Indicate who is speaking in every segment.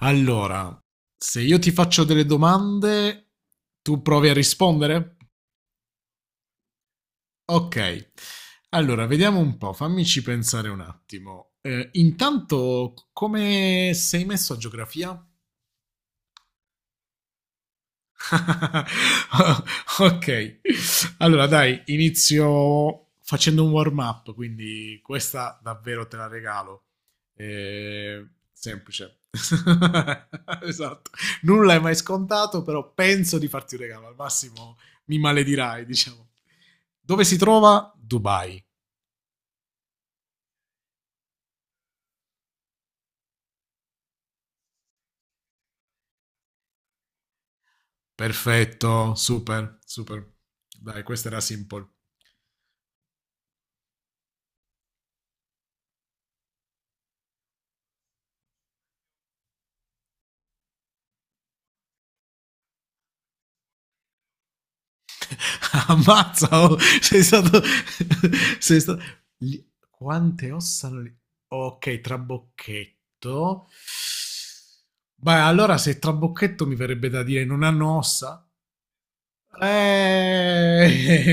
Speaker 1: Allora, se io ti faccio delle domande, tu provi a rispondere? Ok. Allora, vediamo un po', fammici pensare un attimo. Intanto, come sei messo a geografia? Ok, allora dai, inizio facendo un warm up, quindi questa davvero te la regalo. Eh, Semplice. Esatto, nulla è mai scontato, però penso di farti un regalo, al massimo mi maledirai, diciamo. Dove si trova Dubai? Perfetto, super, super. Dai, questa era simple. Ammazza, oh, sei stato... sei stato... gli- Quante ossa... hanno lì? Ok, trabocchetto. Beh, allora se trabocchetto mi verrebbe da dire non hanno ossa. Eh,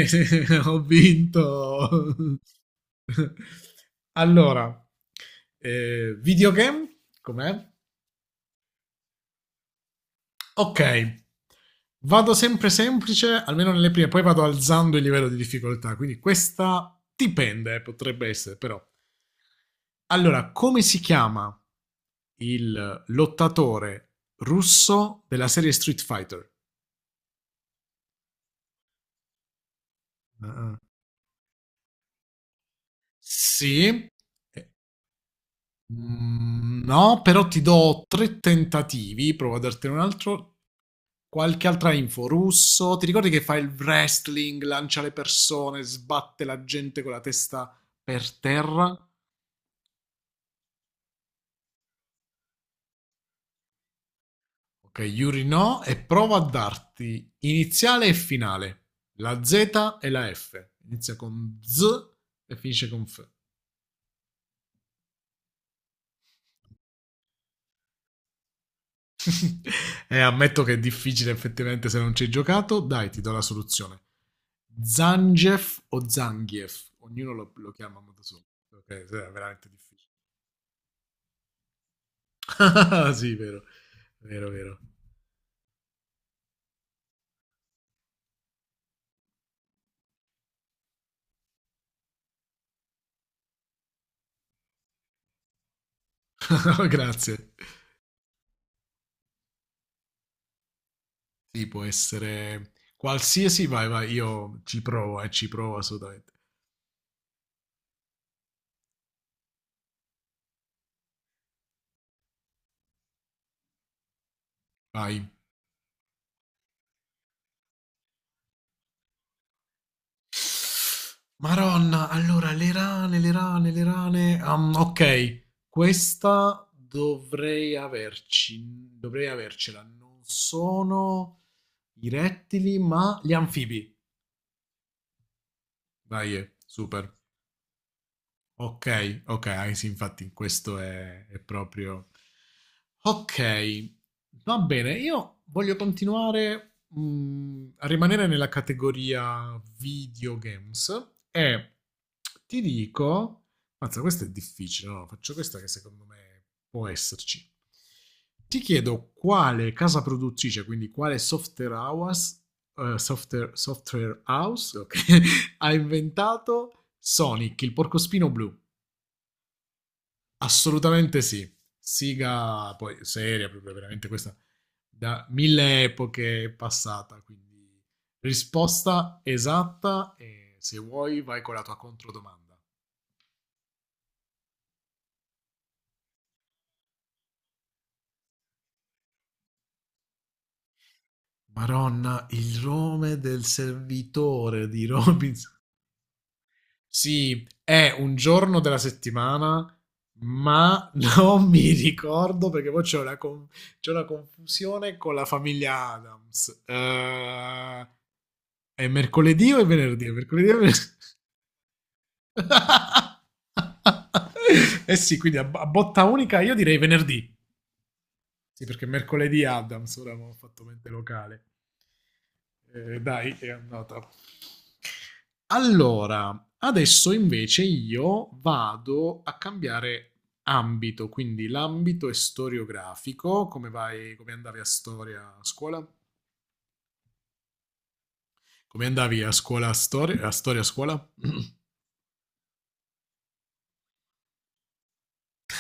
Speaker 1: ho vinto. Allora, videogame, com'è? Ok. Vado sempre semplice, almeno nelle prime, poi vado alzando il livello di difficoltà, quindi questa dipende, potrebbe essere, però. Allora, come si chiama il lottatore russo della serie Street Fighter? Ah, sì. Eh, No, però ti do tre tentativi, provo a dartene un altro. Qualche altra info. Russo, ti ricordi che fa il wrestling, lancia le persone, sbatte la gente con la testa per terra? Ok, Yuri no, e provo a darti iniziale e finale. La Z e la F. Inizia con Z e finisce con F. E ammetto che è difficile effettivamente se non ci hai giocato. Dai, ti do la soluzione. Zangief o Zangief? Ognuno lo chiama a modo suo. Ok, sì, è veramente difficile. Ah, sì, vero, vero, vero. Grazie. Sì, può essere qualsiasi, vai, vai, io ci provo assolutamente. Vai. Maronna, allora, le rane. Ok, questa dovrei avercela. Non sono i rettili, ma gli anfibi. Vai, super. Ok, ok, ah, sì, infatti questo è proprio... Ok, va bene, io voglio continuare a rimanere nella categoria videogames e ti dico... Mazza, questo è difficile, no? Faccio questa che secondo me può esserci. Ti chiedo quale casa produttrice, quindi quale software house, software house ok, ha inventato Sonic, il porcospino blu. Assolutamente sì. Siga poi seria, proprio veramente questa da mille epoche è passata, quindi risposta esatta e se vuoi vai con la tua controdomanda. Maronna, il nome del servitore di Robinson. Sì, è un giorno della settimana ma non mi ricordo perché poi c'è c'è una confusione con la famiglia Adams. È mercoledì o è venerdì? È mercoledì o è venerdì? Eh sì, quindi a botta unica io direi venerdì. Sì, perché mercoledì Adams, ora ho fatto mente locale. Dai, è andata. Allora, adesso invece io vado a cambiare ambito, quindi l'ambito è storiografico. Come vai, come andavi a storia a scuola? Come andavi a scuola a storia, a storia a scuola?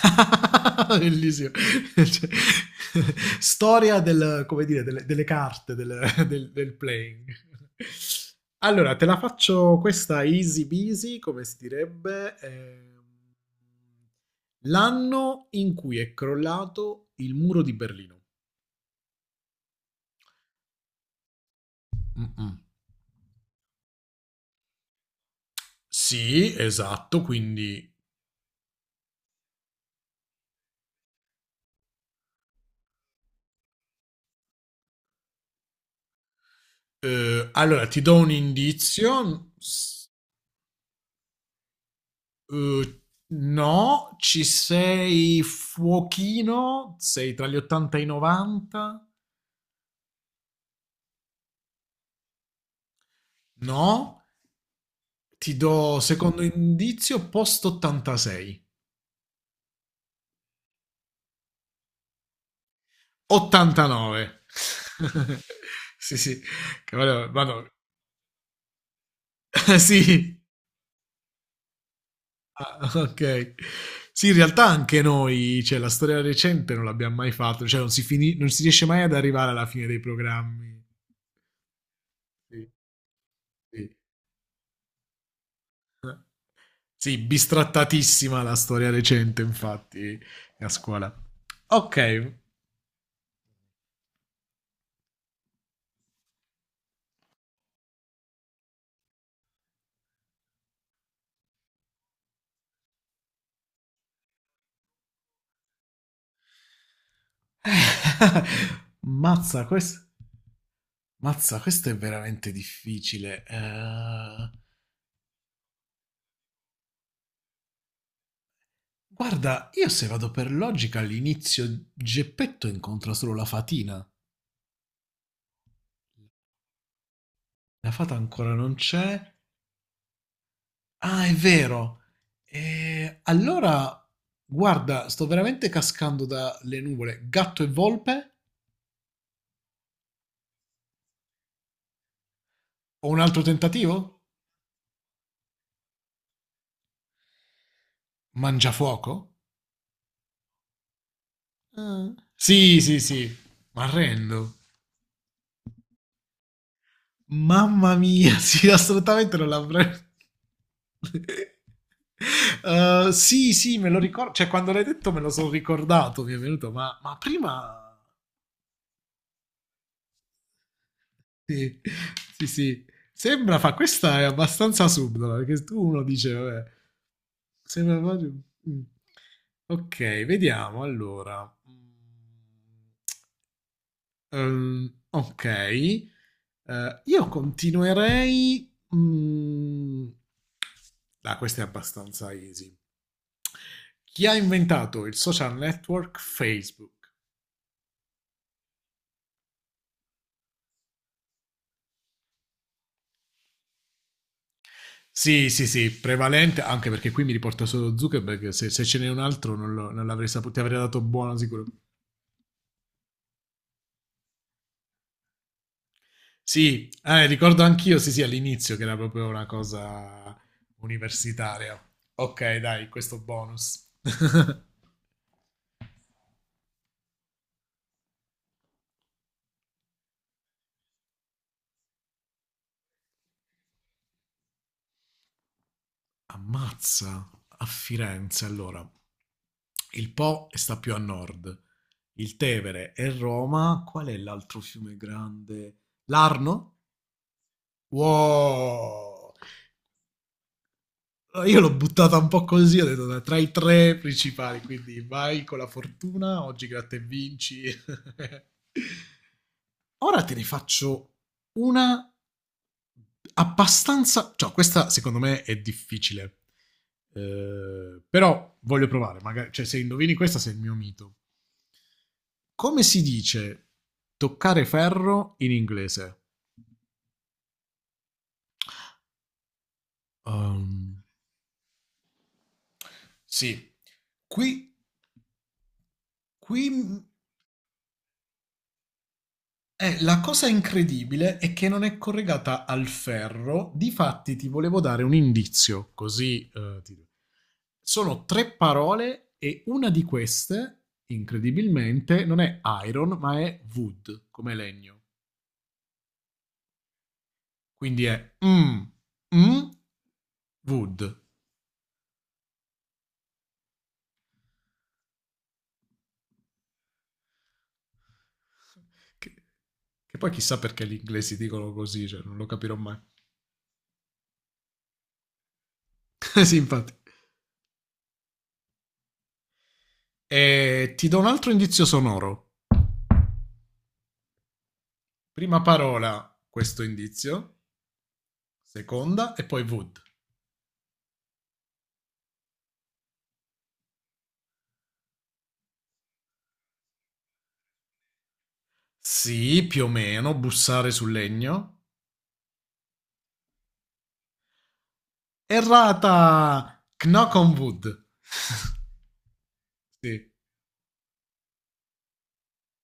Speaker 1: Bellissimo. Cioè, storia del, come dire, delle carte del playing. Allora, te la faccio questa easy busy, come si direbbe. L'anno in cui è crollato il muro di Berlino. Mm-mm. Sì, esatto, quindi... Allora, ti do un indizio. Eh, no, ci sei fuochino, sei tra gli 80 e i 90? No, ti do secondo indizio post 86. 89. Sì, sì. Che sì. Ah, ok. Sì, in realtà anche noi, cioè la storia recente non l'abbiamo mai fatto, cioè non si, non si riesce mai ad arrivare alla fine dei programmi. Sì, sì. Sì, bistrattatissima la storia recente, infatti, a scuola. Ok. Mazza, questo... Mazza, questo è veramente difficile. Guarda, io se vado per logica all'inizio Geppetto incontra solo la fatina. La fata ancora non c'è. Ah, è vero. Allora, guarda, sto veramente cascando dalle nuvole. Gatto e volpe? Ho un altro tentativo? Mangiafuoco? Sì, sì, sì. Ma arrendo. Mamma mia, sì, assolutamente non l'avrei. Sì, sì, me lo ricordo. Cioè, quando l'hai detto me lo sono ricordato, mi è venuto, ma prima... Sì, sì, sì. Sembra, fa, questa è abbastanza subdola, perché tu uno dice, vabbè, sembra proprio... Mm. Ok, vediamo, allora. Mm. Ok, eh, io continuerei. mm, Ah, questa è abbastanza easy. Chi ha inventato il social network Facebook? Sì, sì, sì, prevalente, anche perché qui mi riporta solo Zuckerberg, se, se ce n'è un altro non l'avrei saputo, ti avrei dato buono sicuro. Sì, ricordo anch'io, sì, sì, all'inizio che era proprio una cosa universitaria. Ok, dai, questo bonus. Ammazza! A Firenze, allora. Il Po sta più a nord, il Tevere è Roma, qual è l'altro fiume grande? L'Arno? Wow! Allora, io l'ho buttata un po' così, ho detto "Dai, tra i tre principali, quindi vai con la fortuna, oggi gratta e vinci". Ora te ne faccio una abbastanza... Cioè, questa secondo me è difficile. Però voglio provare, magari, cioè se indovini questa sei il mio mito. Come si dice toccare ferro in inglese? Um, Sì. Qui, qui. La cosa incredibile è che non è collegata al ferro, difatti ti volevo dare un indizio, così sono tre parole e una di queste, incredibilmente, non è iron, ma è wood, come legno. Quindi è mm, wood. Che, che poi chissà perché gli inglesi dicono così, cioè non lo capirò mai. Sì, infatti. E ti do un altro indizio sonoro. Prima parola, questo indizio. Seconda e poi wood. Sì, più o meno, bussare sul legno. Errata! Knock on Wood. Sì.